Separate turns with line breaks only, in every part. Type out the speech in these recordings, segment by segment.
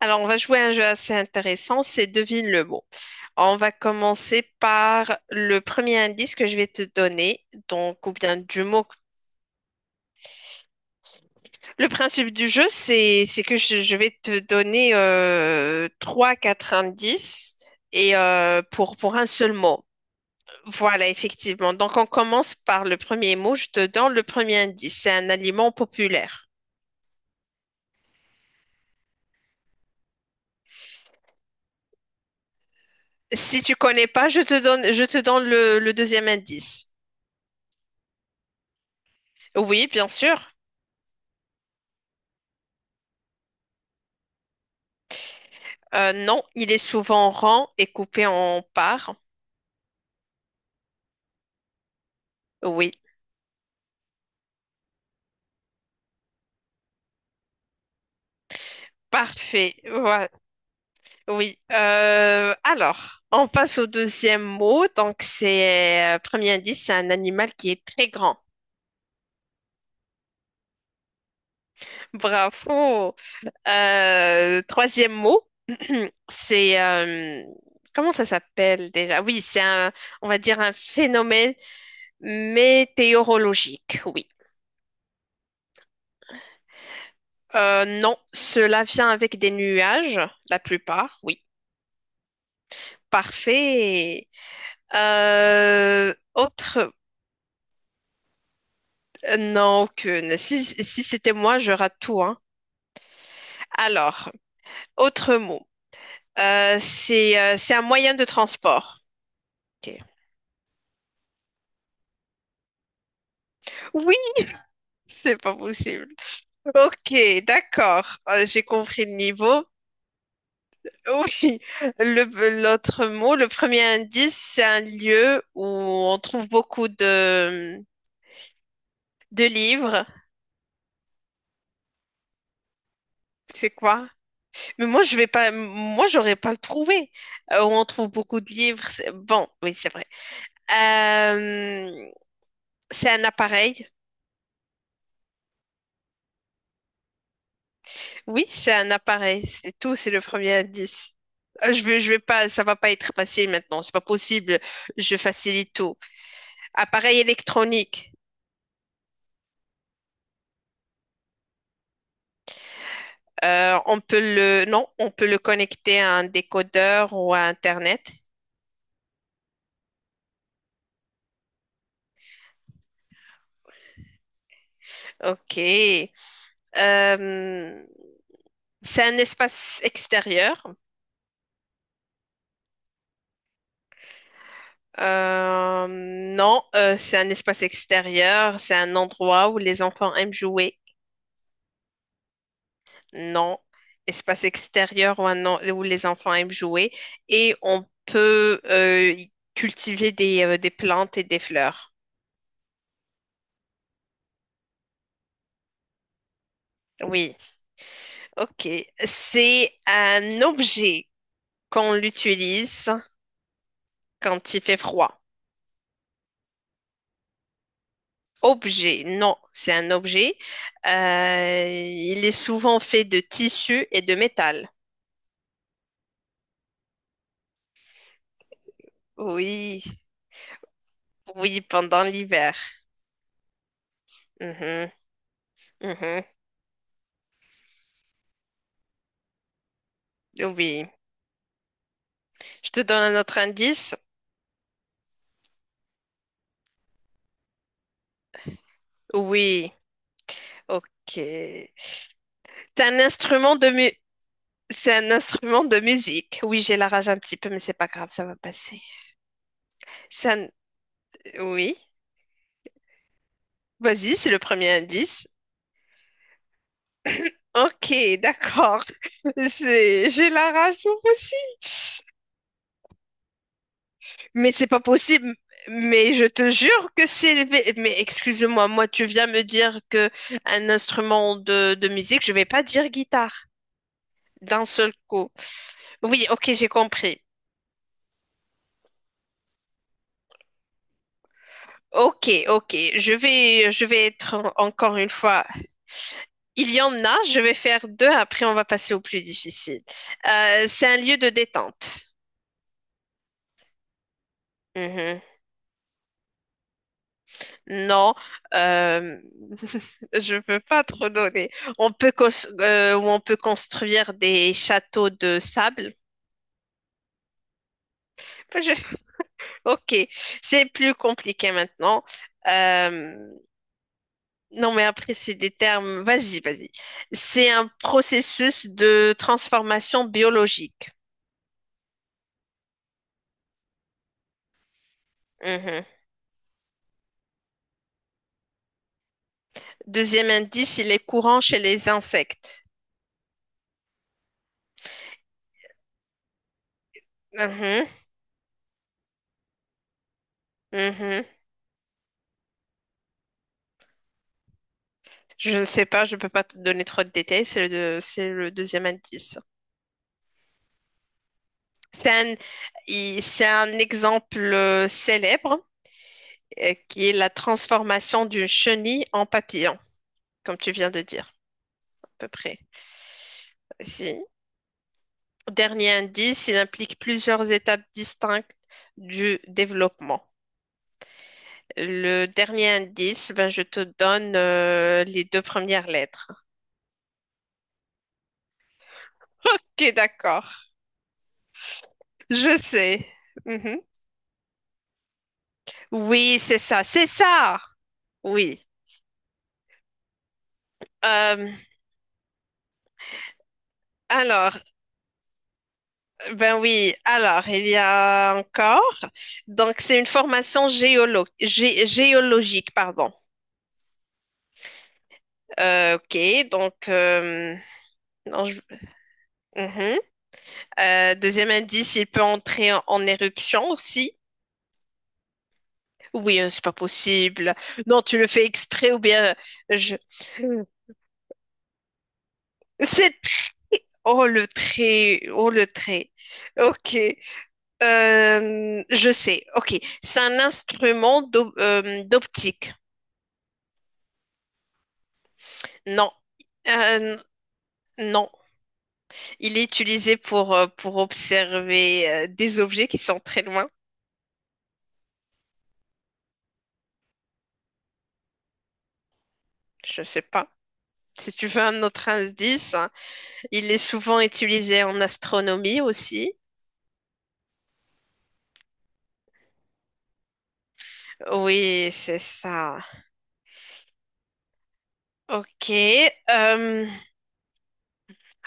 Alors, on va jouer à un jeu assez intéressant, c'est devine le mot. On va commencer par le premier indice que je vais te donner, donc, ou bien du mot. Le principe du jeu, c'est que je vais te donner trois, quatre indices et pour un seul mot. Voilà, effectivement. Donc, on commence par le premier mot. Je te donne le premier indice. C'est un aliment populaire. Si tu connais pas, je te donne le deuxième indice. Oui, bien sûr. Non, il est souvent rond et coupé en parts. Oui, parfait. Ouais, oui. Alors, on passe au deuxième mot. Donc, c'est premier indice, c'est un animal qui est très grand. Bravo. Troisième mot, c'est comment ça s'appelle déjà? Oui, c'est un, on va dire un phénomène météorologique. Oui. Non, cela vient avec des nuages, la plupart. Oui. Parfait. Euh, autre, non, aucune. Si, si c'était moi, je rate tout, hein. Alors, autre mot. C'est c'est un moyen de transport. Ok. Oui, c'est pas possible. Ok, d'accord. J'ai compris le niveau. Oui. L'autre mot, le premier indice, c'est un lieu où on trouve de livres. C'est quoi? Mais moi, je vais pas, moi, j'aurais pas le trouvé. On trouve beaucoup de livres. C'est... Bon, oui, c'est vrai. Euh, c'est un appareil. Oui, c'est un appareil. C'est tout. C'est le premier indice. Je vais pas, ça va pas être facile maintenant. C'est pas possible. Je facilite tout. Appareil électronique. Non, on peut le connecter à un décodeur ou à Internet. Ok. Euh, c'est un espace extérieur. Non, c'est un espace extérieur, c'est un endroit où les enfants aiment jouer. Non, espace extérieur où, où les enfants aiment jouer. Et on peut y cultiver des plantes et des fleurs. Oui, ok. C'est un objet qu'on l'utilise quand il fait froid. Objet, non, c'est un objet. Il est souvent fait de tissu et de métal. Oui. Oui, pendant l'hiver. Mhm, mhm. Oui. Je te donne un autre indice. Oui. Ok. Un instrument de mu- C'est un instrument de musique. Oui, j'ai la rage un petit peu, mais c'est pas grave, ça va passer. C'est un- Oui. Vas-y, c'est le premier indice. Ok, d'accord. C'est... J'ai la rage moi aussi. Mais c'est pas possible. Mais je te jure que c'est le vé- Mais excuse-moi, moi tu viens me dire que un instrument de musique, je vais pas dire guitare. D'un seul coup. Oui, ok, j'ai compris. Je vais être encore une fois. Il y en a, je vais faire deux, après on va passer au plus difficile. C'est un lieu de détente. Mhm. Non, euh, je peux pas trop donner. On peut cons- ou on peut construire des châteaux de sable. Je... Ok, c'est plus compliqué maintenant. Euh, Non, mais après, c'est des termes. Vas-y, vas-y. C'est un processus de transformation biologique. Mhm. Deuxième indice, il est courant chez les insectes. Mhm, mhm. Je ne sais pas, je ne peux pas te donner trop de détails. C'est le deuxième indice. C'est un, c'est un exemple célèbre qui est la transformation d'une chenille en papillon, comme tu viens de dire, à peu près. Dernier indice, il implique plusieurs étapes distinctes du développement. Le dernier indice, ben, je te donne les deux premières lettres. Ok, d'accord. Je sais. Mhm. Oui, c'est ça, c'est ça. Oui. Euh, alors, ben oui, alors, il y a encore. Donc, c'est une géologique, pardon. Euh, ok, donc, euh, non, je... Mhm. Deuxième indice, il peut entrer en éruption aussi. Oui, c'est pas possible. Non, tu le fais exprès ou bien je. C'est oh le trait, oh le trait. Ok, je sais. Ok, c'est un d'optique. Non, Euh, non. Il est utilisé pour observer des objets qui sont très loin. Je sais pas. Si tu veux un autre indice, hein. Il est souvent utilisé en astronomie aussi. Oui, c'est ça. Ok. euh,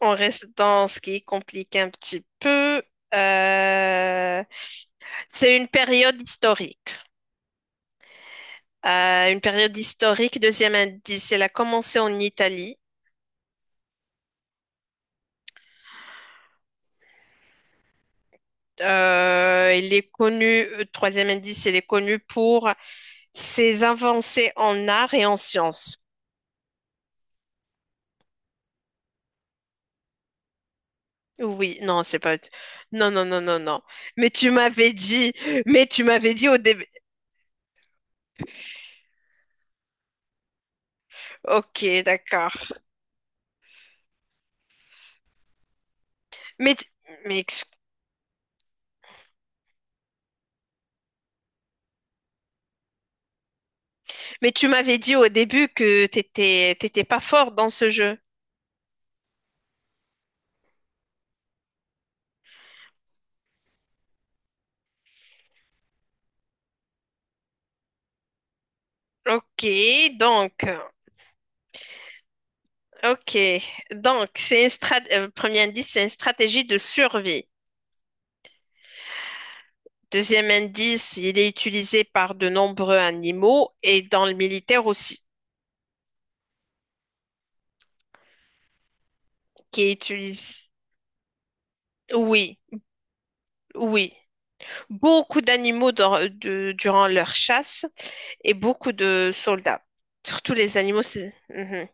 on reste dans ce qui complique un petit peu. Euh, c'est une période historique. Une période historique, deuxième indice, elle a commencé en Italie. Troisième indice, il est connu pour ses avancées en art et en sciences. Oui, non, c'est pas. Non, non, non, non, non. Mais tu m'avais dit, mais tu m'avais dit au début. Ok, d'accord. Mais, mais, ex- mais tu m'avais dit au début que t'étais pas fort dans ce jeu. Ok, donc, ok, donc c'est une premier indice, c'est une stratégie de survie. Deuxième indice, il est utilisé par de nombreux animaux et dans le militaire aussi, qui est utilisé. Oui, oui. Beaucoup d'animaux durant leur chasse et beaucoup de soldats. Surtout les animaux, c'est mhm.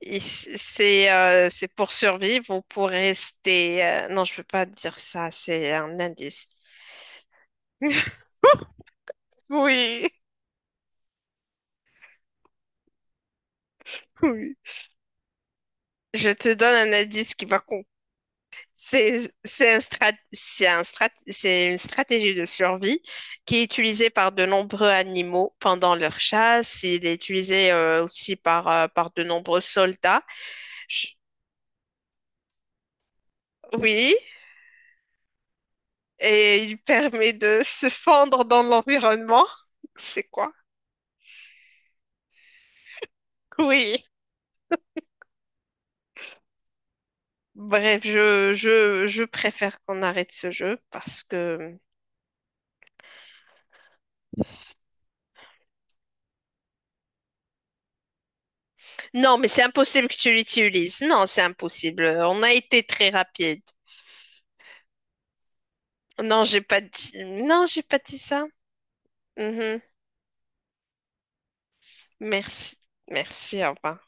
Et c'est pour survivre ou pour rester. Non, je peux pas dire ça, c'est un indice. Oui, oui. Je te donne un indice qui va con. C'est une stratégie de survie qui est utilisée par de nombreux animaux pendant leur chasse. Il est utilisé aussi par par de nombreux soldats. Je... Oui, et il permet de se fondre dans l'environnement. C'est quoi? Oui. Bref, je préfère qu'on arrête ce jeu parce que... Non, mais c'est impossible que tu l'utilises. Non, c'est impossible. On a été très rapide. Non, j'ai pas dit... Non, j'ai pas dit ça. Mhm. Merci. Merci, au revoir.